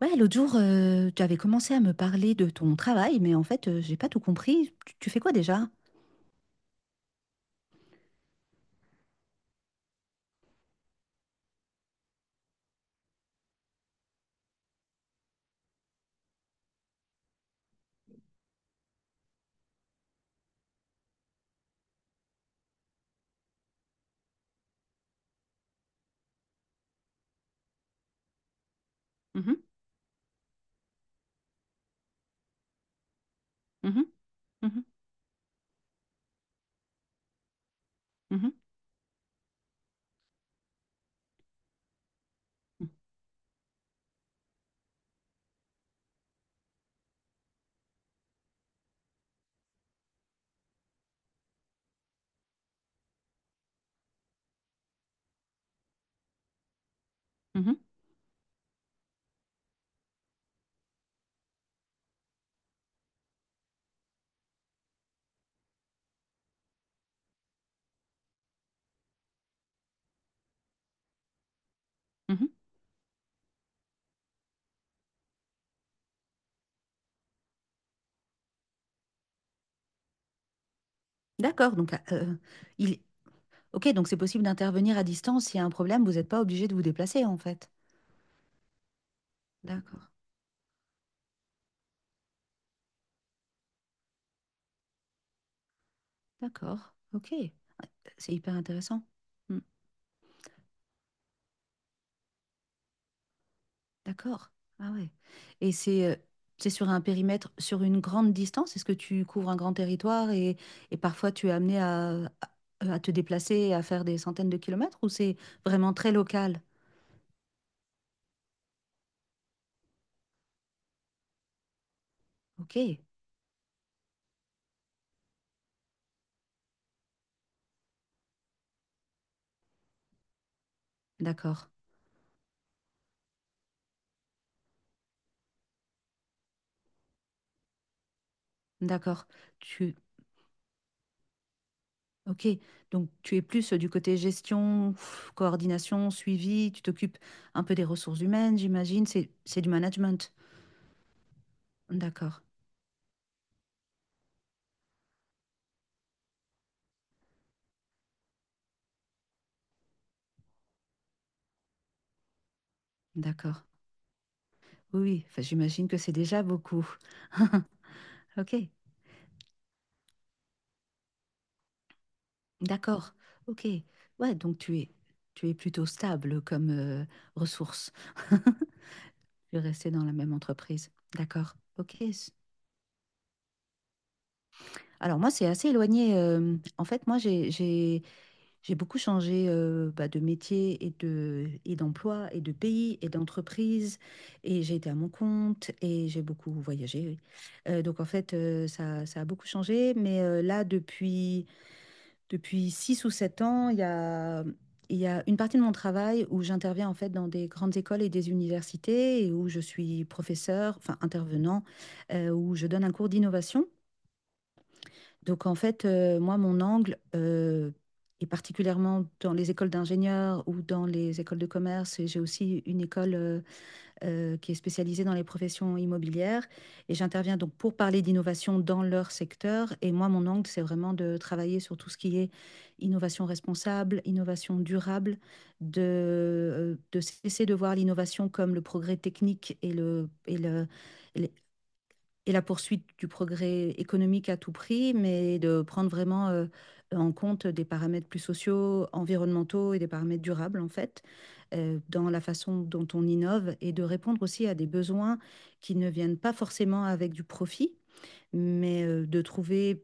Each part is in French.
Ouais, l'autre jour, tu avais commencé à me parler de ton travail, mais en fait, j'ai pas tout compris. Tu fais quoi déjà? Mhm, mhm, mhm, mhm, mhm, mhm. D'accord, donc il... Ok, donc c'est possible d'intervenir à distance. S'il y a un problème, vous n'êtes pas obligé de vous déplacer, en fait. D'accord, d'accord, ok. C'est hyper intéressant. Mmh. D'accord. Ah ouais. Et c'est sur un périmètre, sur une grande distance? Est-ce que tu couvres un grand territoire et parfois tu es amené à, à te déplacer et à faire des centaines de kilomètres ou c'est vraiment très local? Ok. D'accord. D'accord. Tu... Ok. Donc tu es plus du côté gestion, pff, coordination, suivi. Tu t'occupes un peu des ressources humaines, j'imagine. C'est du management. D'accord. D'accord. Oui, oui. Enfin, j'imagine que c'est déjà beaucoup. Ok. D'accord, ok. Ouais, tu es plutôt stable comme ressource. Tu es resté dans la même entreprise. D'accord, ok. S- Alors moi, c'est assez éloigné. En fait, moi, j'ai beaucoup changé bah, de métier et de, d'emploi et de pays et d'entreprise. Et j'ai été à mon compte et j'ai beaucoup voyagé. Oui. Donc en fait, ça a beaucoup changé. Mais là, depuis... Depuis 6 ou 7 ans, il y a une partie de mon travail où j'interviens en fait dans des grandes écoles et des universités et où je suis professeur, enfin intervenant, où je donne un cours d'innovation. Donc en fait, moi, et particulièrement dans les écoles d'ingénieurs ou dans les écoles de commerce, et j'ai aussi une école qui est spécialisée dans les professions immobilières. Et j'interviens donc pour parler d'innovation dans leur secteur. Et moi, mon angle, c'est vraiment de travailler sur tout ce qui est innovation responsable, innovation durable, de, de cesser de voir l'innovation comme le progrès technique et et la poursuite du progrès économique à tout prix, mais de prendre vraiment en compte des paramètres plus sociaux, environnementaux et des paramètres durables, en fait, dans la façon dont on innove et de répondre aussi à des besoins qui ne viennent pas forcément avec du profit, mais de trouver.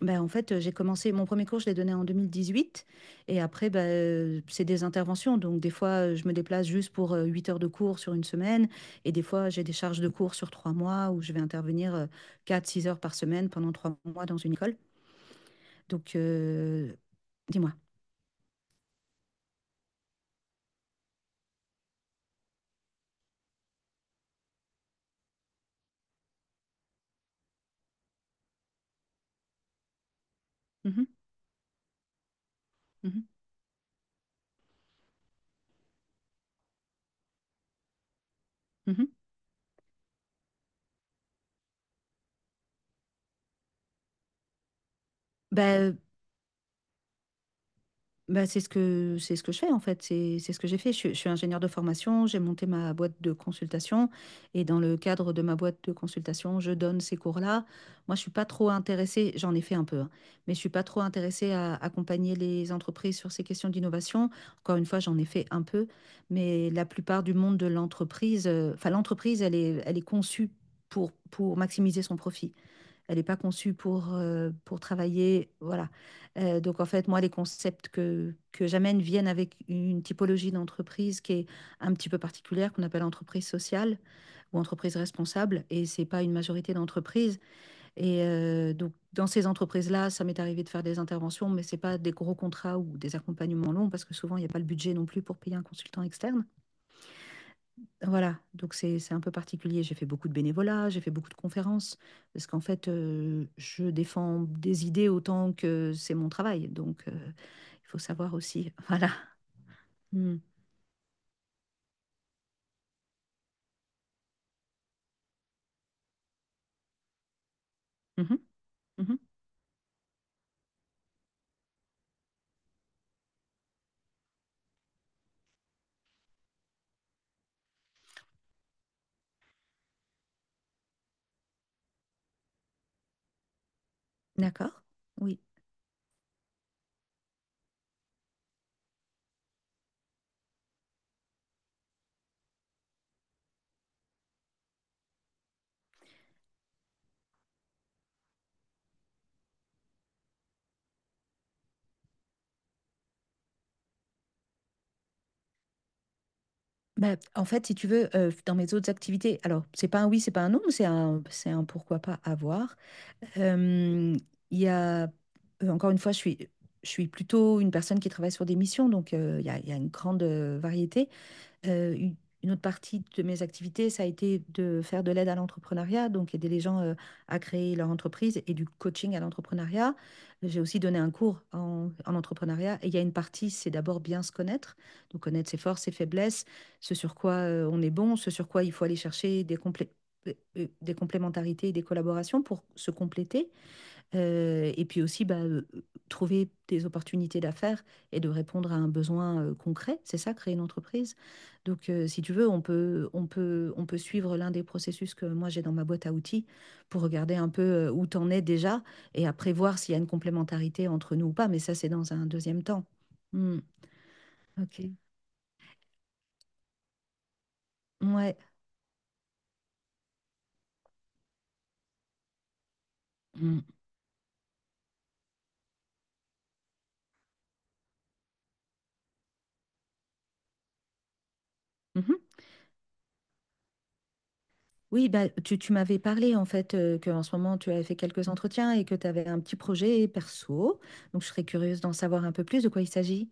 Ben en fait, j'ai commencé mon premier cours, je l'ai donné en 2018 et après, bah, c'est des interventions, donc des fois, je me déplace juste pour, 8 heures de cours sur une semaine, et des fois, j'ai des charges de cours sur 3 mois où je vais intervenir, 4-6 heures par semaine pendant 3 mois dans une école. Donc dis-moi? Mmh mh. Mmh mh. Mmh. Bah, euh, Bah, c'est ce que je fais en fait, c'est ce que j'ai fait. Je suis ingénieure de formation, j'ai monté ma boîte de consultation, et dans le cadre de ma boîte de consultation, je donne ces cours-là. Moi, je suis pas trop intéressée, j'en ai fait un peu, hein, mais je suis pas trop intéressée à accompagner les entreprises sur ces questions d'innovation. Encore une fois, j'en ai fait un peu, mais la plupart du monde de l'entreprise, enfin l'entreprise, elle est conçue pour maximiser son profit. Elle n'est pas conçue pour travailler. Voilà. Donc, en fait, moi, les concepts que j'amène viennent avec une typologie d'entreprise qui est un petit peu particulière, qu'on appelle entreprise sociale ou entreprise responsable. Et ce n'est pas une majorité d'entreprises. Et donc, dans ces entreprises-là, ça m'est arrivé de faire des interventions, mais ce n'est pas des gros contrats ou des accompagnements longs parce que souvent, il n'y a pas le budget non plus pour payer un consultant externe. Voilà, donc c'est un peu particulier. J'ai fait beaucoup de bénévolat, j'ai fait beaucoup de conférences, parce qu'en fait, je défends des idées autant que c'est mon travail. Donc, il faut savoir aussi. Voilà. Mm. Mhm. Mhm. D'accord. Oui. Bah, en fait, si tu veux, dans mes autres activités, alors c'est pas un oui, c'est pas un non, mais c'est un pourquoi pas avoir. Euh, Il y a, encore une fois, je suis plutôt une personne qui travaille sur des missions, donc il y a une grande variété. Euh, une une autre partie de mes activités, ça a été de faire de l'aide à l'entrepreneuriat, donc aider les gens à créer leur entreprise et du coaching à l'entrepreneuriat. J'ai aussi donné un cours en entrepreneuriat et il y a une partie, c'est d'abord bien se connaître, donc connaître ses forces, ses faiblesses, ce sur quoi on est bon, ce sur quoi il faut aller chercher des complé- des complémentarités et des collaborations pour se compléter. Et puis aussi, trouver des opportunités d'affaires et de répondre à un besoin concret. C'est ça, créer une entreprise. Donc, si tu veux, on peut suivre l'un des processus que moi j'ai dans ma boîte à outils pour regarder un peu où t'en es déjà et après voir s'il y a une complémentarité entre nous ou pas. Mais ça, c'est dans un deuxième temps. Hmm. Ok. Ouais. Hmm. Mhm. Oui, bah, tu m'avais parlé en fait que en ce moment tu avais fait quelques entretiens et que tu avais un petit projet perso. Donc je serais curieuse d'en savoir un peu plus de quoi il s'agit.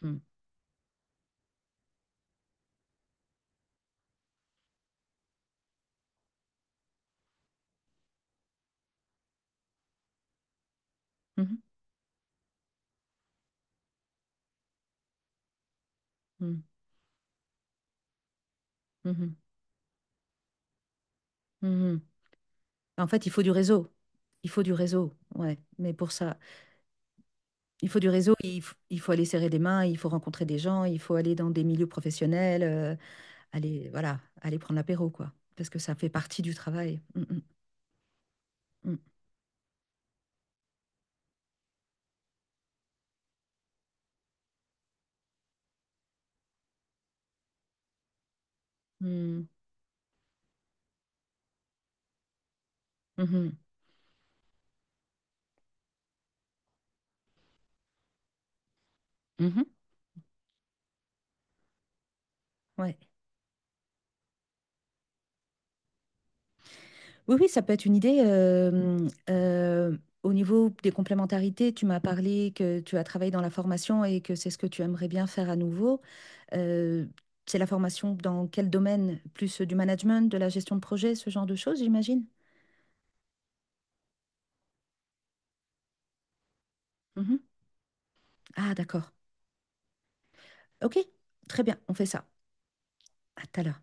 Hmm. Mhm, mhm, mhm, mhm. En fait, il faut du réseau. Il faut du réseau, ouais. Mais pour ça, il faut du réseau, il faut aller serrer des mains, il faut rencontrer des gens, il faut aller dans des milieux professionnels, aller, voilà, aller prendre l'apéro, quoi. Parce que ça fait partie du travail. Mm, mm, mm. Mm, mhm, mhm, ouais. Oui, oui, ça peut être une idée. Au niveau des complémentarités, tu m'as parlé que tu as travaillé dans la formation et que c'est ce que tu aimerais bien faire à nouveau. Euh, c'est la formation dans quel domaine? Plus du management, de la gestion de projet, ce genre de choses, j'imagine? Mhm. Ah, d'accord. Ok, très bien, on fait ça. À tout à l'heure.